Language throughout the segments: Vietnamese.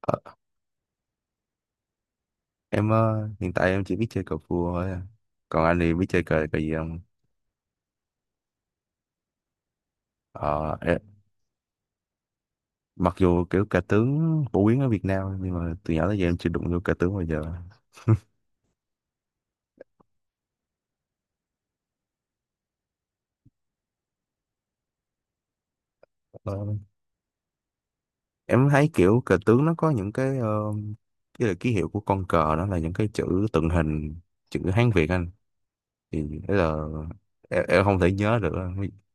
Ờ, em hiện tại em chỉ biết chơi cờ vua thôi à. Còn anh thì biết chơi cờ cờ gì không? Ờ, em, Mặc dù kiểu cờ tướng phổ biến ở Việt Nam nhưng mà từ nhỏ tới giờ em chưa đụng vô cờ tướng bao giờ. Ờ, em thấy kiểu cờ tướng nó có những cái là ký hiệu của con cờ đó là những cái chữ tượng hình chữ Hán Việt anh, thì thế là em không thể nhớ được.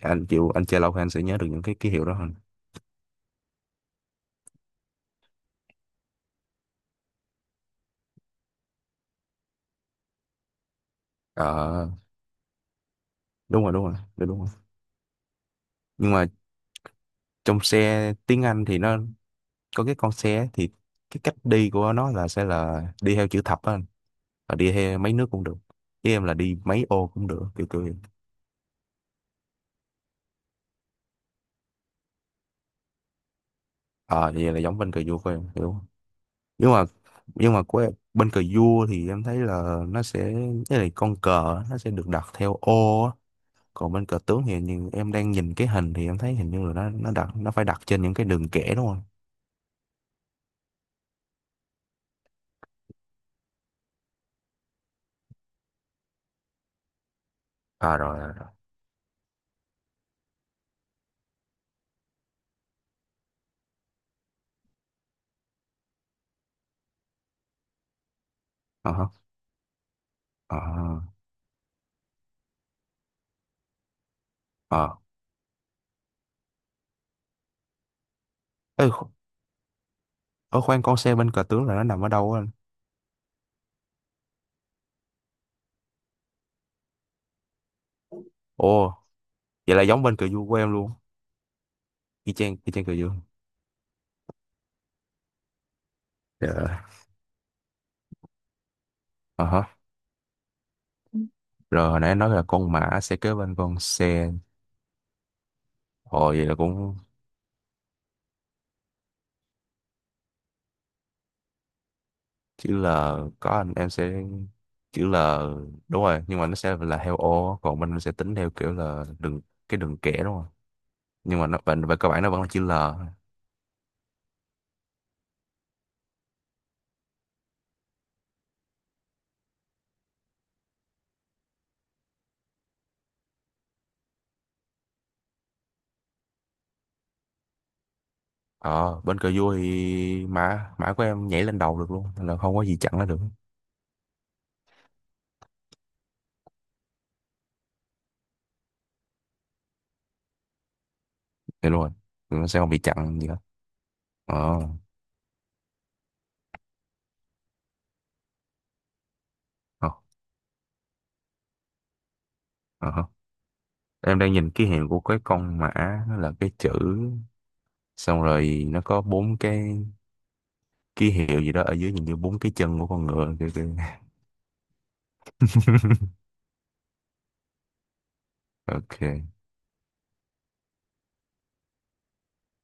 Anh chịu anh chơi lâu thì anh sẽ nhớ được những cái ký hiệu đó hơn. Ờ, đúng rồi, đúng rồi, đúng rồi. Nhưng mà trong xe tiếng Anh thì nó có cái con xe, thì cái cách đi của nó là sẽ là đi theo chữ thập á anh, và đi theo mấy nước cũng được, với em là đi mấy ô cũng được kiểu kiểu vậy. Ờ vậy là giống bên cờ vua của em hiểu không? nhưng mà nhưng mà của em, bên cờ vua thì em thấy là nó sẽ cái này con cờ á, nó sẽ được đặt theo ô á. Còn bên cờ tướng thì như em đang nhìn cái hình thì em thấy hình như là nó đặt, nó phải đặt trên những cái đường kẻ đúng không. À rồi rồi rồi. Ờ hả. Ờ. Ờ. Ê, ở khoan, con xe bên cờ tướng là nó nằm ở đâu á anh? Ồ vậy là giống bên cờ vua của em luôn, y chang, y chang cờ vua. Dạ. Ờ hả. Rồi hồi nãy nói là con mã sẽ kế bên con xe, hồi vậy là cũng chữ L. Có anh, em sẽ chữ L, đúng rồi, nhưng mà nó sẽ là theo ô còn mình sẽ tính theo kiểu là cái đường kẻ đúng không, nhưng mà nó về cơ bản nó vẫn là chữ L. Ờ bên cờ vua thì mã mã của em nhảy lên đầu được luôn nên là không có gì chặn nó được. Thì luôn rồi. Thì nó sẽ không bị chặn gì hết. Ờ. Ờ. Ờ hả. Em đang nhìn ký hiệu của cái con mã, nó là cái chữ, xong rồi nó có bốn cái ký hiệu gì đó ở dưới nhìn như bốn cái chân của con ngựa kiểu kiểu. Ok.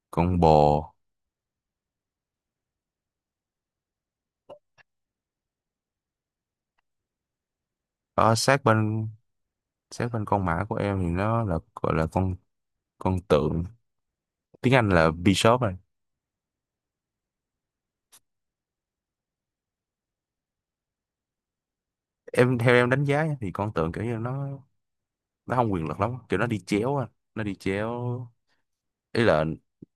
Con bò. Ở sát bên, sát bên con mã của em thì nó là gọi là con tượng, tiếng Anh là bishop rồi. Em theo em đánh giá nha, thì con tượng kiểu như nó không quyền lực lắm, kiểu nó đi chéo á, nó đi chéo, ý là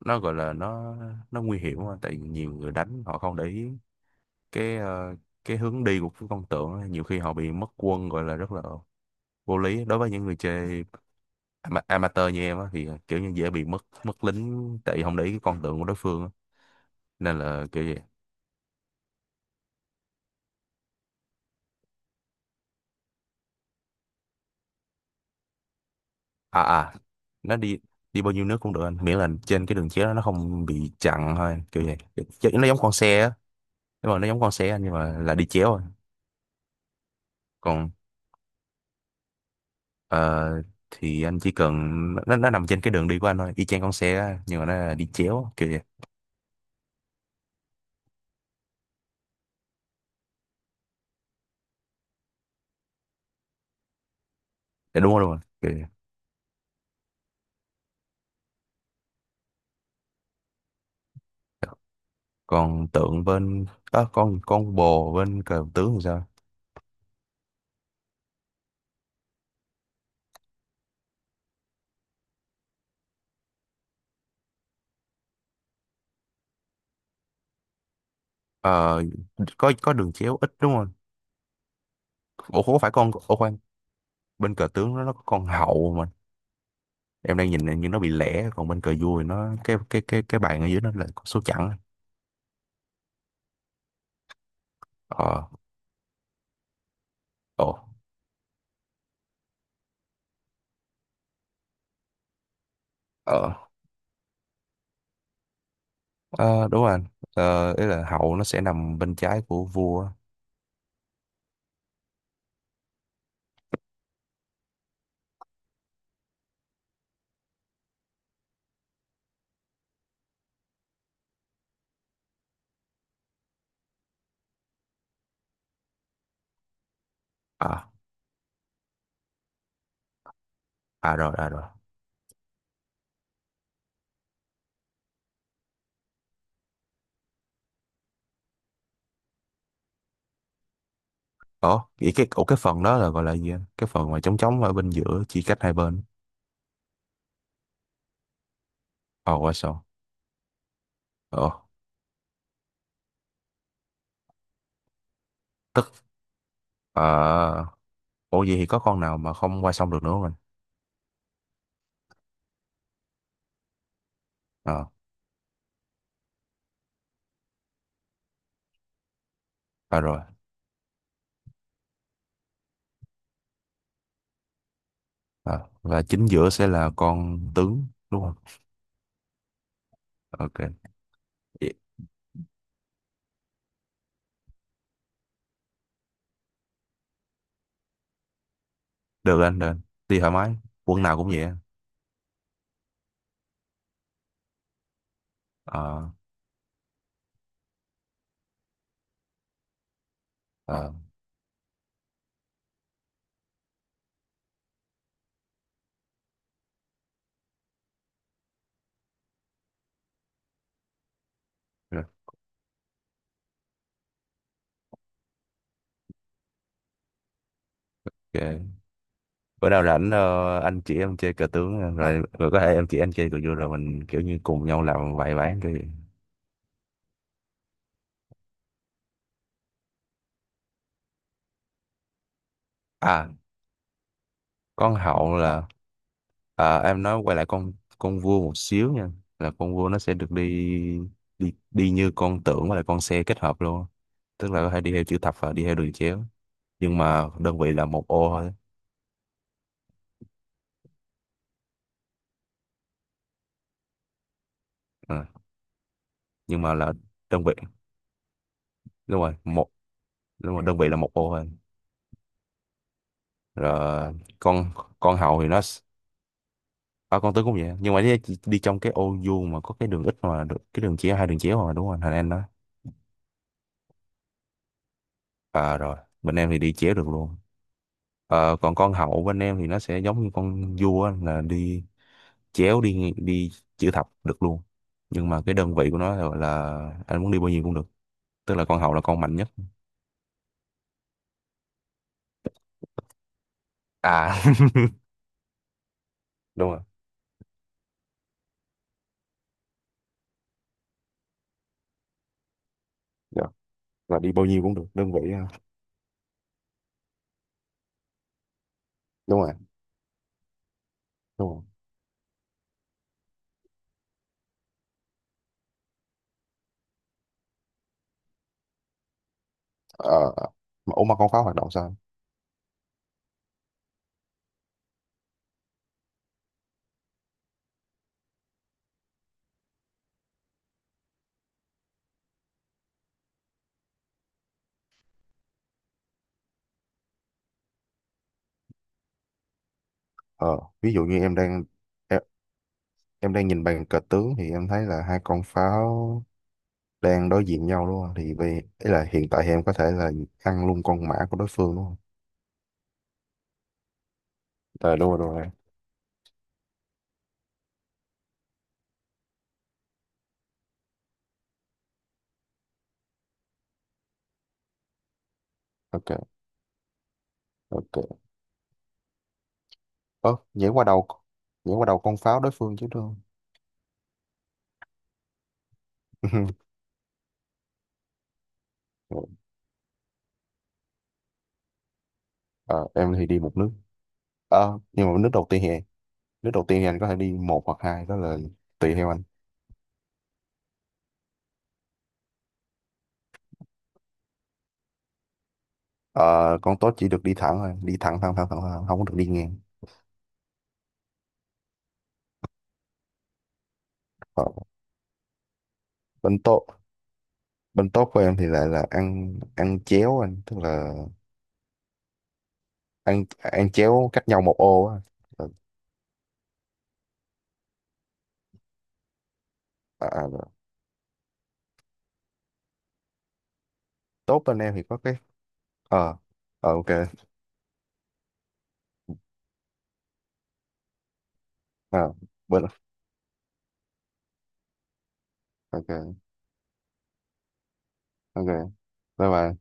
nó gọi là nó nguy hiểm quá tại vì nhiều người đánh họ không để ý cái ờ, cái hướng đi của cái con tượng á, nhiều khi họ bị mất quân gọi là rất là vô lý đối với những người chơi amateur như em á thì à, kiểu như dễ bị mất mất lính tại vì không để ý cái con tượng của đối phương á. Nên là kiểu gì. À à, nó đi, đi bao nhiêu nước cũng được anh, miễn là trên cái đường chéo đó nó không bị chặn thôi kiểu vậy. Chứ nó giống con xe á, nhưng mà nó giống con xe anh nhưng mà là đi chéo thôi. Còn ờ, thì anh chỉ cần nó nằm trên cái đường đi của anh thôi, y chang con xe á nhưng mà nó là đi chéo kiểu vậy. Dạ, đúng rồi kiểu vậy. Còn tượng bên á, con bồ bên cờ tướng thì sao? Ờ, có đường chéo ít đúng không? Ủa có phải con, ủa khoan, bên cờ tướng nó có con hậu mà. Em đang nhìn như nó bị lẻ, còn bên cờ vua thì nó cái bàn ở dưới nó là có số chẵn. Ờ. Ồ. ờ ờ, Đúng rồi anh. Ờ ý là hậu nó sẽ nằm bên trái của vua. À. À rồi à rồi. Ồ vậy cái, ủa cái phần đó là gọi là gì anh? Cái phần mà trống trống ở bên giữa chia cách hai bên. Ờ qua sông. Ờ tức ờ Ủa vậy thì có con nào mà không qua sông được nữa không anh? Ờ. À rồi. À, và chính giữa sẽ là con tướng đúng không? Ok. Vậy- Được anh, được anh. Đi thoải mái. Quân nào cũng vậy anh. Ờ, ờ, rồi, ok. Bữa nào rảnh anh chỉ em chơi cờ tướng rồi rồi có thể em chỉ anh chơi cờ vua rồi mình kiểu như cùng nhau làm vài ván cái gì. À, con hậu là à, em nói quay lại con vua một xíu nha. Là con vua nó sẽ được đi đi đi như con tượng và là con xe kết hợp luôn. Tức là có thể đi theo chữ thập và đi theo đường chéo. Nhưng mà đơn vị là một ô thôi. À, nhưng mà là đơn vị, đúng rồi đúng rồi, đơn vị là một ô thôi. Rồi con con hậu thì à, con tướng cũng vậy nhưng mà đi trong cái ô vuông mà có cái đường ít mà được cái đường chéo, hai đường chéo mà đúng rồi thành em đó. À rồi, bên em thì đi chéo được luôn. Ờ, còn con hậu bên em thì nó sẽ giống như con vua á, là chéo đi chữ thập được luôn, nhưng mà cái đơn vị của nó là, gọi là, anh muốn đi bao nhiêu cũng được, tức là con hậu là con mạnh nhất. À đúng rồi. Dạ. Là đi bao nhiêu cũng được đơn vị ha. Đúng rồi đúng rồi. Ờ, mà ủa mà con pháo hoạt động sao? Ờ, ví dụ như em đang, em, em đang nhìn bàn cờ tướng thì em thấy là hai con pháo đang đối diện nhau luôn, thì về ý là hiện tại thì em có thể là ăn luôn con mã của đối phương đúng không? Ờ đúng rồi đúng rồi. Ok. Ok. Ơ nhảy qua đầu, nhảy qua đầu con pháo đối phương chứ đúng không? Ờ, em thì đi một nước. Ờ, nhưng mà nước đầu tiên thì nước đầu tiên thì anh có thể đi một hoặc hai, đó là tùy theo anh. Ờ, con tốt chỉ được đi thẳng thôi, đi thẳng thẳng thẳng thẳng, thẳng không có được đi ngang. Ờ, bên tốt bên tốt của em thì lại là ăn, ăn chéo anh, tức là ăn ăn chéo cách nhau một ô á. Ờ, à, à, tốt bên em thì có cái ờ, ờ ok. Ờ, bên ok ok bye bye.